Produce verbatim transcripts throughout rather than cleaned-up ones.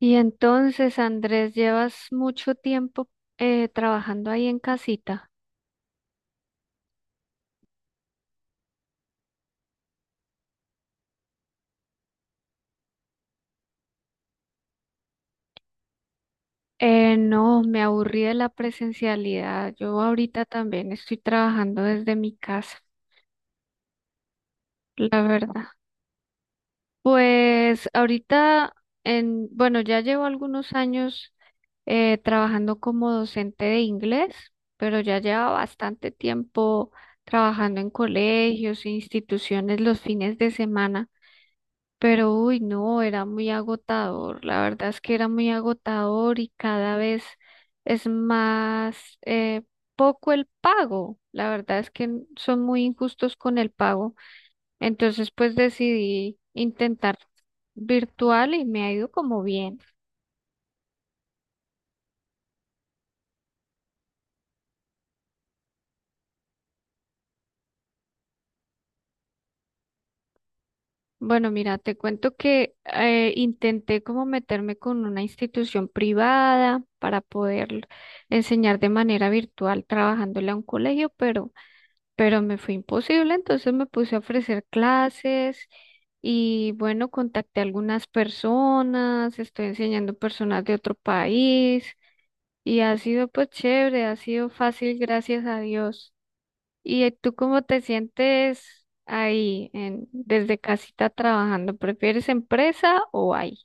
Y entonces, Andrés, ¿llevas mucho tiempo eh, trabajando ahí en casita? Eh, no, me aburrí de la presencialidad. Yo ahorita también estoy trabajando desde mi casa, la verdad. Pues ahorita, en, bueno, ya llevo algunos años eh, trabajando como docente de inglés, pero ya llevo bastante tiempo trabajando en colegios e instituciones los fines de semana. Pero uy, no, era muy agotador. La verdad es que era muy agotador y cada vez es más eh, poco el pago. La verdad es que n- son muy injustos con el pago. Entonces, pues decidí intentar virtual y me ha ido como bien. Bueno, mira, te cuento que eh, intenté como meterme con una institución privada para poder enseñar de manera virtual trabajándole a un colegio, pero pero me fue imposible, entonces me puse a ofrecer clases y bueno, contacté a algunas personas, estoy enseñando personas de otro país y ha sido pues chévere, ha sido fácil, gracias a Dios. ¿Y eh, tú cómo te sientes ahí en, desde casita trabajando? ¿Prefieres empresa o ahí?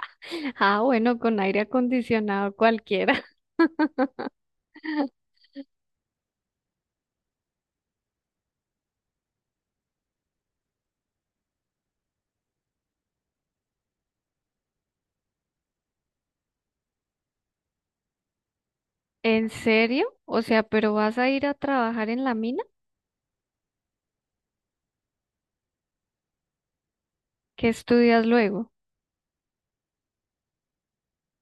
Ah, bueno, con aire acondicionado cualquiera. ¿En serio? O sea, ¿pero vas a ir a trabajar en la mina? ¿Qué estudias luego?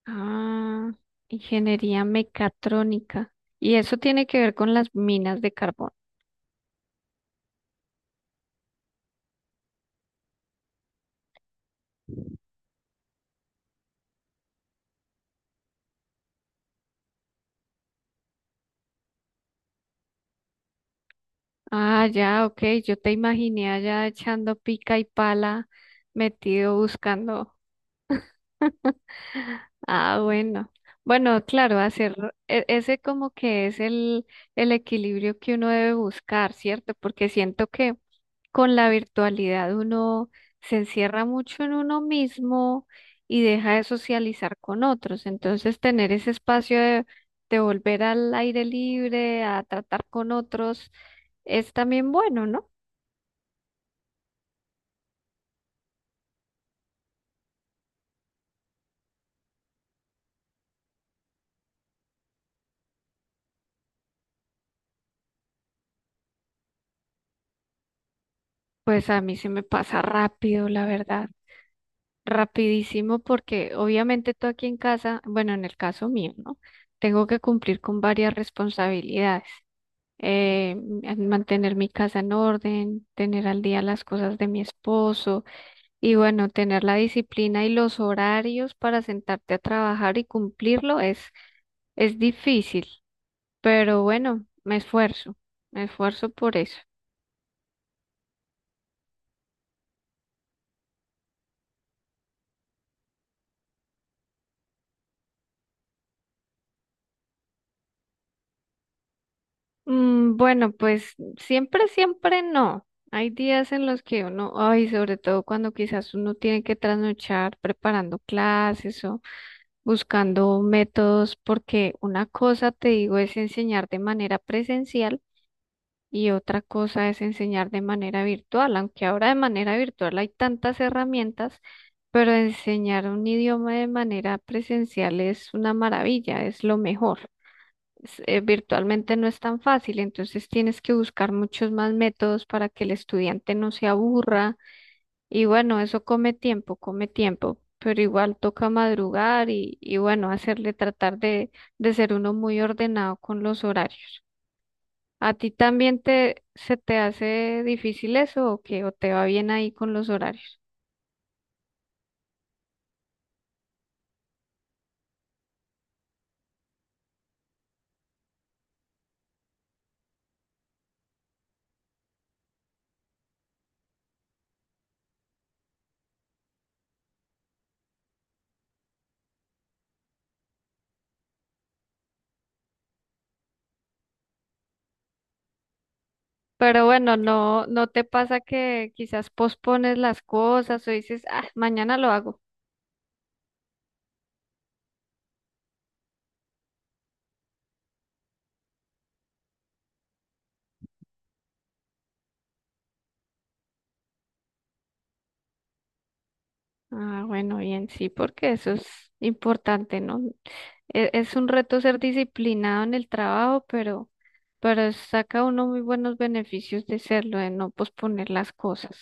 Ah, ingeniería mecatrónica. Y eso tiene que ver con las minas de carbón. Ah, ya, ok. Yo te imaginé allá echando pica y pala, metido buscando. Ah, bueno. Bueno, claro, hacer e- ese como que es el, el equilibrio que uno debe buscar, ¿cierto? Porque siento que con la virtualidad uno se encierra mucho en uno mismo y deja de socializar con otros. Entonces, tener ese espacio de, de volver al aire libre, a tratar con otros, es también bueno, ¿no? Pues a mí se me pasa rápido, la verdad, rapidísimo, porque obviamente tú aquí en casa, bueno, en el caso mío, ¿no? Tengo que cumplir con varias responsabilidades. eh, Mantener mi casa en orden, tener al día las cosas de mi esposo y bueno, tener la disciplina y los horarios para sentarte a trabajar y cumplirlo es, es difícil, pero bueno, me esfuerzo, me esfuerzo por eso. Mm, bueno, pues siempre, siempre no. Hay días en los que uno, ay, sobre todo cuando quizás uno tiene que trasnochar preparando clases buscando métodos, porque una cosa, te digo, es enseñar de manera presencial y otra cosa es enseñar de manera virtual, aunque ahora de manera virtual hay tantas herramientas, pero enseñar un idioma de manera presencial es una maravilla, es lo mejor. Es- eh, virtualmente no es tan fácil, entonces tienes que buscar muchos más métodos para que el estudiante no se aburra y bueno, eso come tiempo, come tiempo, pero igual toca madrugar y, y bueno, hacerle tratar de, de ser uno muy ordenado con los horarios. ¿A ti también te, se te hace difícil eso o qué? ¿O te va bien ahí con los horarios? Pero bueno, no, no te pasa que quizás pospones las cosas o dices, ah, mañana lo hago. Ah, bueno, bien, sí, porque eso es importante, ¿no? e- Es un reto ser disciplinado en el trabajo, pero, pero saca uno muy buenos beneficios de serlo, de no posponer las cosas.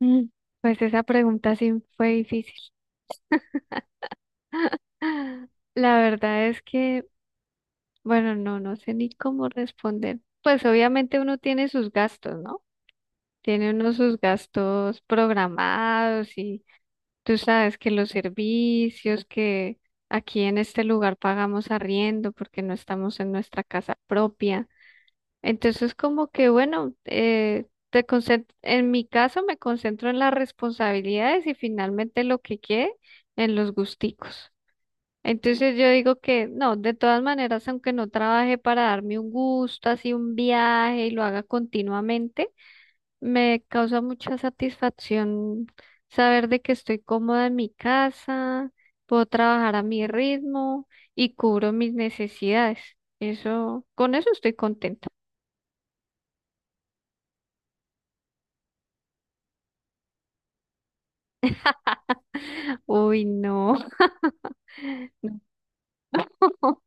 Mm, pues esa pregunta sí fue difícil. La verdad es que, bueno, no, no sé ni cómo responder. Pues obviamente uno tiene sus gastos, ¿no? Tiene uno sus gastos programados y tú sabes que los servicios que aquí en este lugar pagamos arriendo porque no estamos en nuestra casa propia. Entonces, como que bueno, eh, te concent- en mi caso me concentro en las responsabilidades y finalmente lo que quede en los gusticos. Entonces yo digo que no, de todas maneras, aunque no trabaje para darme un gusto, así un viaje y lo haga continuamente, me causa mucha satisfacción saber de que estoy cómoda en mi casa, puedo trabajar a mi ritmo y cubro mis necesidades. Eso, con eso estoy contenta. Uy, no, no,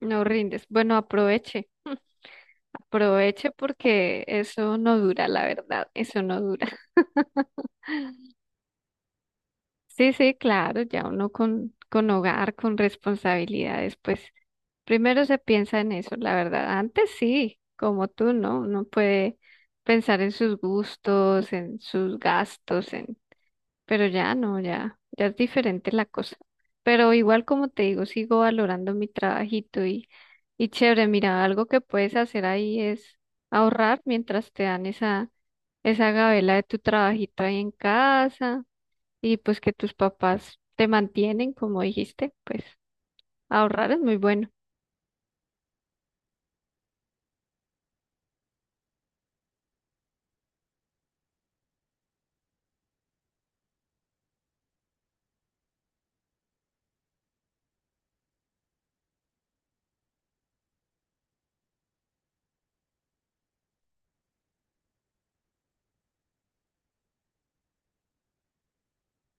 no rindes. Bueno, aproveche, aproveche porque eso no dura, la verdad, eso no dura. Sí, sí, claro, ya uno con, con hogar, con responsabilidades, pues primero se piensa en eso, la verdad. Antes sí, como tú, ¿no? Uno puede pensar en sus gustos, en sus gastos, en... Pero ya no, ya, ya es diferente la cosa. Pero igual como te digo, sigo valorando mi trabajito y, y chévere, mira, algo que puedes hacer ahí es ahorrar mientras te dan esa, esa gabela de tu trabajito ahí en casa y pues que tus papás te mantienen, como dijiste, pues ahorrar es muy bueno.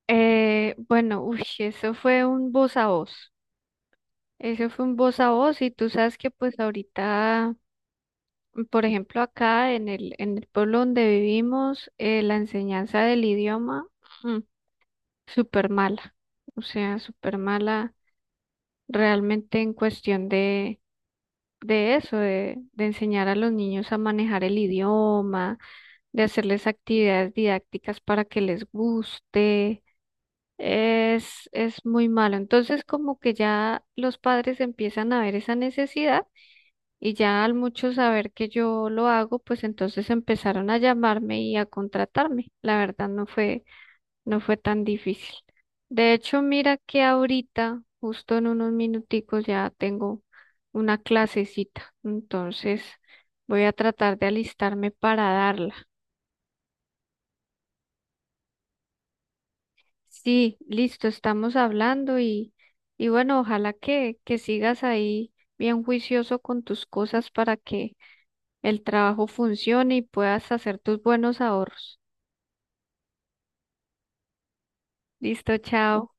Eh, bueno, uy, eso fue un voz a voz. Eso fue un voz a voz y tú sabes que pues ahorita, por ejemplo, acá en el, en el pueblo donde vivimos, eh, la enseñanza del idioma, mm, súper mala. O sea, súper mala realmente en cuestión de, de eso, de, de enseñar a los niños a manejar el idioma, de hacerles actividades didácticas para que les guste. Es, es muy malo. Entonces, como que ya los padres empiezan a ver esa necesidad y ya al mucho saber que yo lo hago, pues entonces empezaron a llamarme y a contratarme. La verdad no fue, no fue tan difícil. De hecho, mira que ahorita, justo en unos minuticos, ya tengo una clasecita. Entonces voy a tratar de alistarme para darla. Sí, listo, estamos hablando y, y bueno, ojalá que, que sigas ahí bien juicioso con tus cosas para que el trabajo funcione y puedas hacer tus buenos ahorros. Listo, chao.